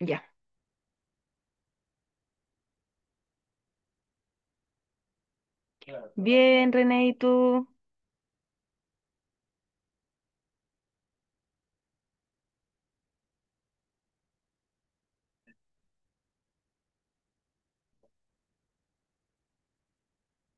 Ya. Claro. Bien, René, ¿y tú?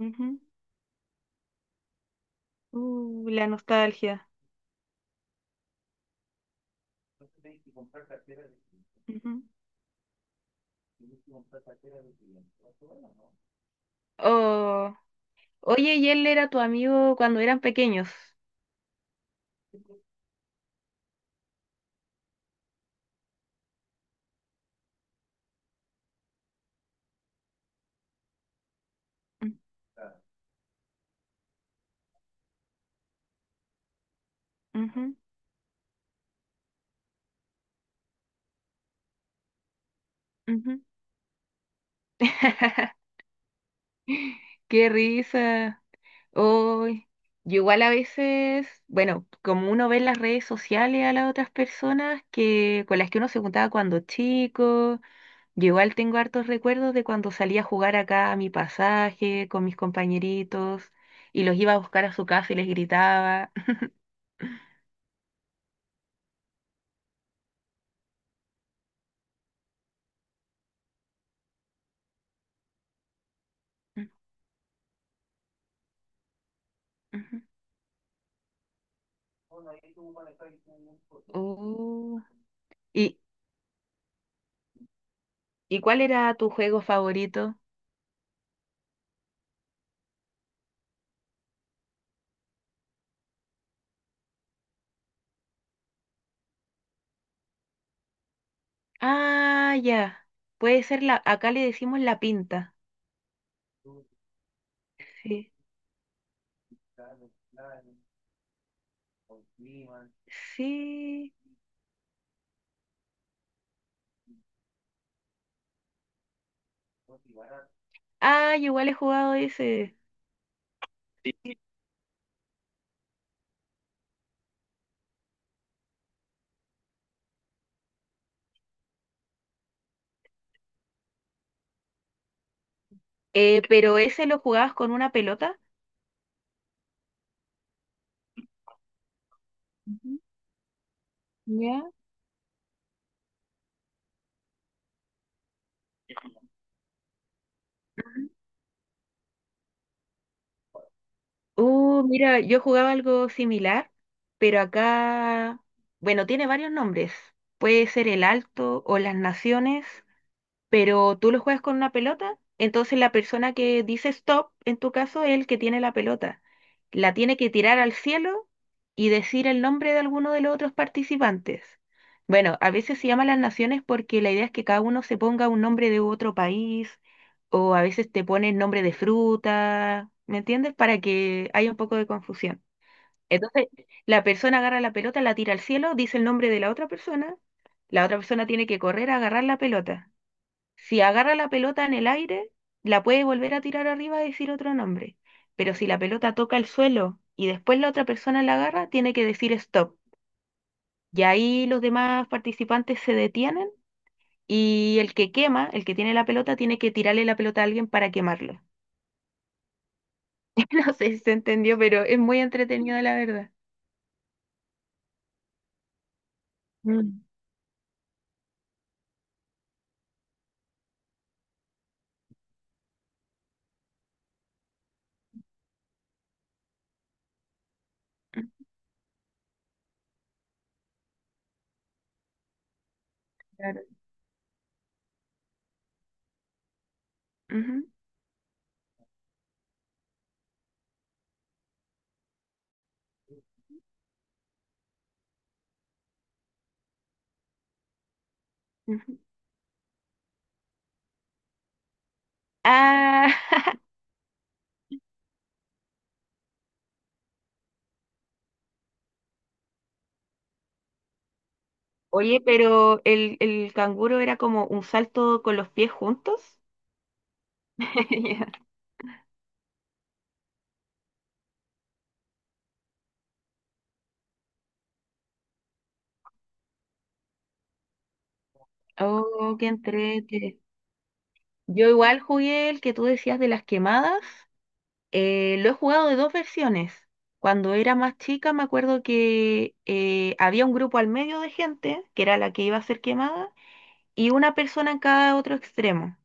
Ujú. La nostalgia. Ujú. Oh, oye, ¿y él era tu amigo cuando eran pequeños? Ujú, ujú. Qué risa. Hoy, yo igual a veces, bueno, como uno ve en las redes sociales a las otras personas que con las que uno se juntaba cuando chico. Yo igual tengo hartos recuerdos de cuando salía a jugar acá a mi pasaje con mis compañeritos y los iba a buscar a su casa y les gritaba. Uh, ¿Y, y cuál era tu juego favorito? Ah, ya. Puede ser la, acá le decimos la pinta. Sí. Sí. Ah, yo igual he jugado ese. ¿Pero ese lo jugabas con una pelota? Ujú. ¿Ya? Mira, yo jugaba algo similar, pero acá, bueno, tiene varios nombres. Puede ser el Alto o las Naciones, pero tú lo juegas con una pelota, entonces la persona que dice stop, en tu caso, es el que tiene la pelota. La tiene que tirar al cielo y decir el nombre de alguno de los otros participantes. Bueno, a veces se llama las naciones porque la idea es que cada uno se ponga un nombre de otro país o a veces te ponen nombre de fruta, ¿me entiendes? Para que haya un poco de confusión. Entonces, la persona agarra la pelota, la tira al cielo, dice el nombre de la otra persona tiene que correr a agarrar la pelota. Si agarra la pelota en el aire, la puede volver a tirar arriba y decir otro nombre. Pero si la pelota toca el suelo y después la otra persona la agarra, tiene que decir stop. Y ahí los demás participantes se detienen y el que quema, el que tiene la pelota, tiene que tirarle la pelota a alguien para quemarlo. No sé si se entendió, pero es muy entretenido, la verdad. Mm. Claro. Ujú, ujú. Ah, oye, ¿pero el canguro era como un salto con los pies juntos? Oh, qué entrete. Yo igual jugué el que tú decías de las quemadas. Lo he jugado de dos versiones. Cuando era más chica me acuerdo que había un grupo al medio de gente, que era la que iba a ser quemada, y una persona en cada otro extremo.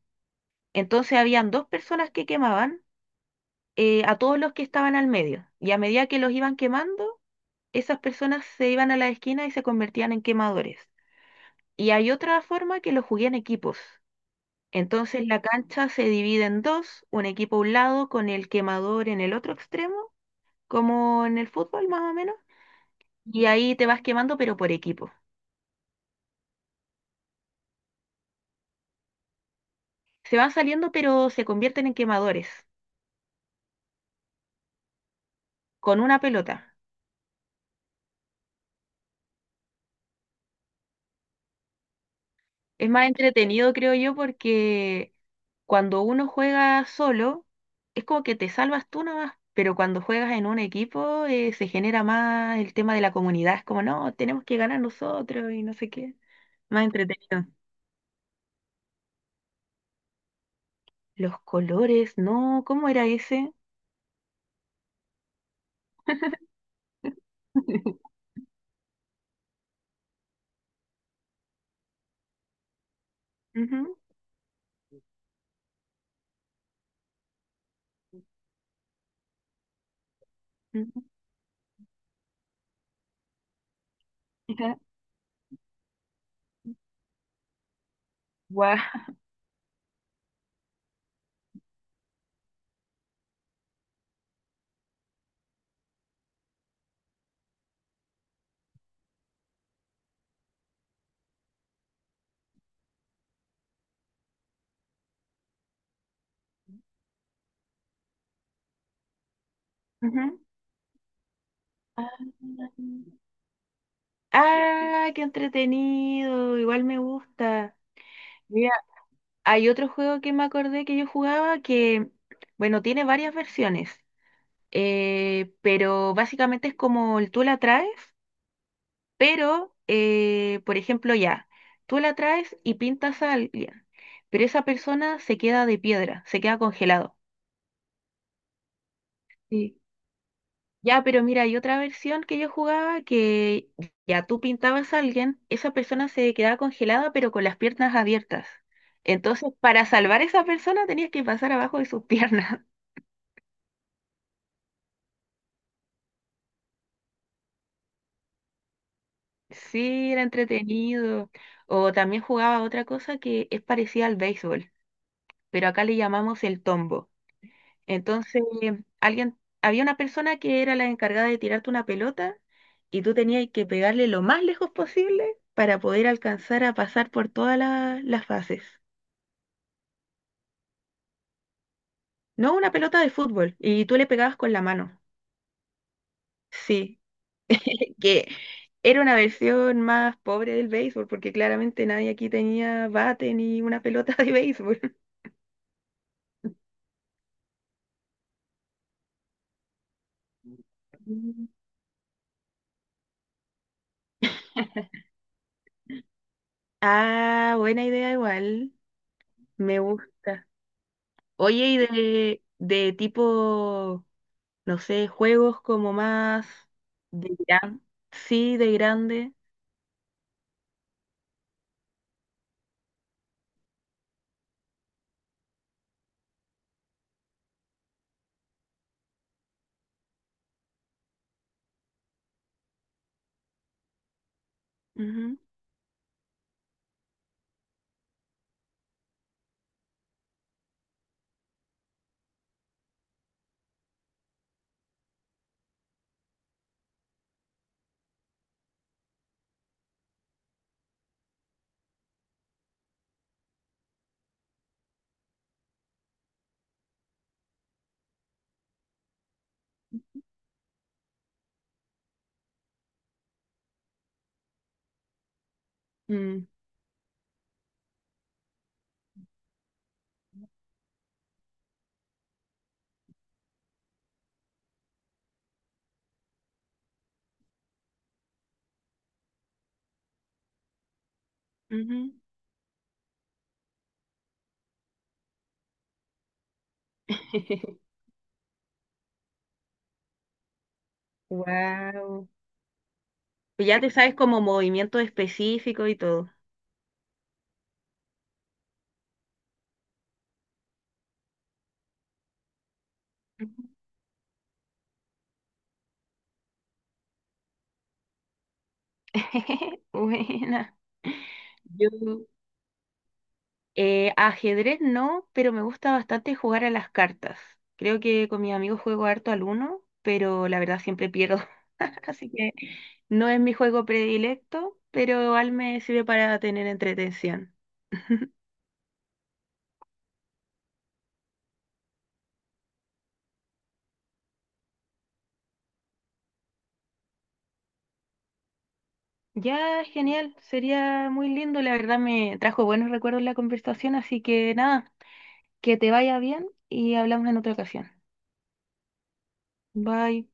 Entonces habían dos personas que quemaban a todos los que estaban al medio. Y a medida que los iban quemando, esas personas se iban a la esquina y se convertían en quemadores. Y hay otra forma que lo jugué en equipos. Entonces la cancha se divide en dos, un equipo a un lado con el quemador en el otro extremo, como en el fútbol más o menos, y ahí te vas quemando pero por equipo. Se van saliendo pero se convierten en quemadores con una pelota. Es más entretenido, creo yo, porque cuando uno juega solo es como que te salvas tú nomás, pero cuando juegas en un equipo, se genera más el tema de la comunidad, es como no, tenemos que ganar nosotros y no sé qué. Más entretenido. Los colores, no, ¿cómo era ese? Ujú, ujú. Guau. Ujú. Ah, ah, qué entretenido, igual me gusta. Mira, hay otro juego que me acordé que yo jugaba que, bueno, tiene varias versiones, pero básicamente es como el tú la traes, pero, por ejemplo, ya, tú la traes y pintas a alguien, pero esa persona se queda de piedra, se queda congelado. Sí. Ya, pero mira, hay otra versión que yo jugaba que ya tú pintabas a alguien, esa persona se quedaba congelada pero con las piernas abiertas. Entonces, para salvar a esa persona tenías que pasar abajo de sus piernas. Sí, era entretenido. O también jugaba otra cosa que es parecida al béisbol, pero acá le llamamos el tombo. Entonces, alguien, había una persona que era la encargada de tirarte una pelota y tú tenías que pegarle lo más lejos posible para poder alcanzar a pasar por todas las fases. No, una pelota de fútbol y tú le pegabas con la mano. Sí, que era una versión más pobre del béisbol porque claramente nadie aquí tenía bate ni una pelota de béisbol. Mm. Ah, buena idea igual. Me gusta. Oye, ¿y de tipo, no sé, juegos como más de gran, sí, de grande? Ujú, mm, ujú. Wow. Ya te sabes como movimiento específico y todo. Ujú. Buena. Yo, ajedrez no, pero me gusta bastante jugar a las cartas. Creo que con mis amigos juego harto al uno, pero la verdad siempre pierdo. Así que no es mi juego predilecto, pero igual me sirve para tener entretención. Ya, genial, sería muy lindo, la verdad me trajo buenos recuerdos la conversación, así que nada, que te vaya bien y hablamos en otra ocasión. Bye.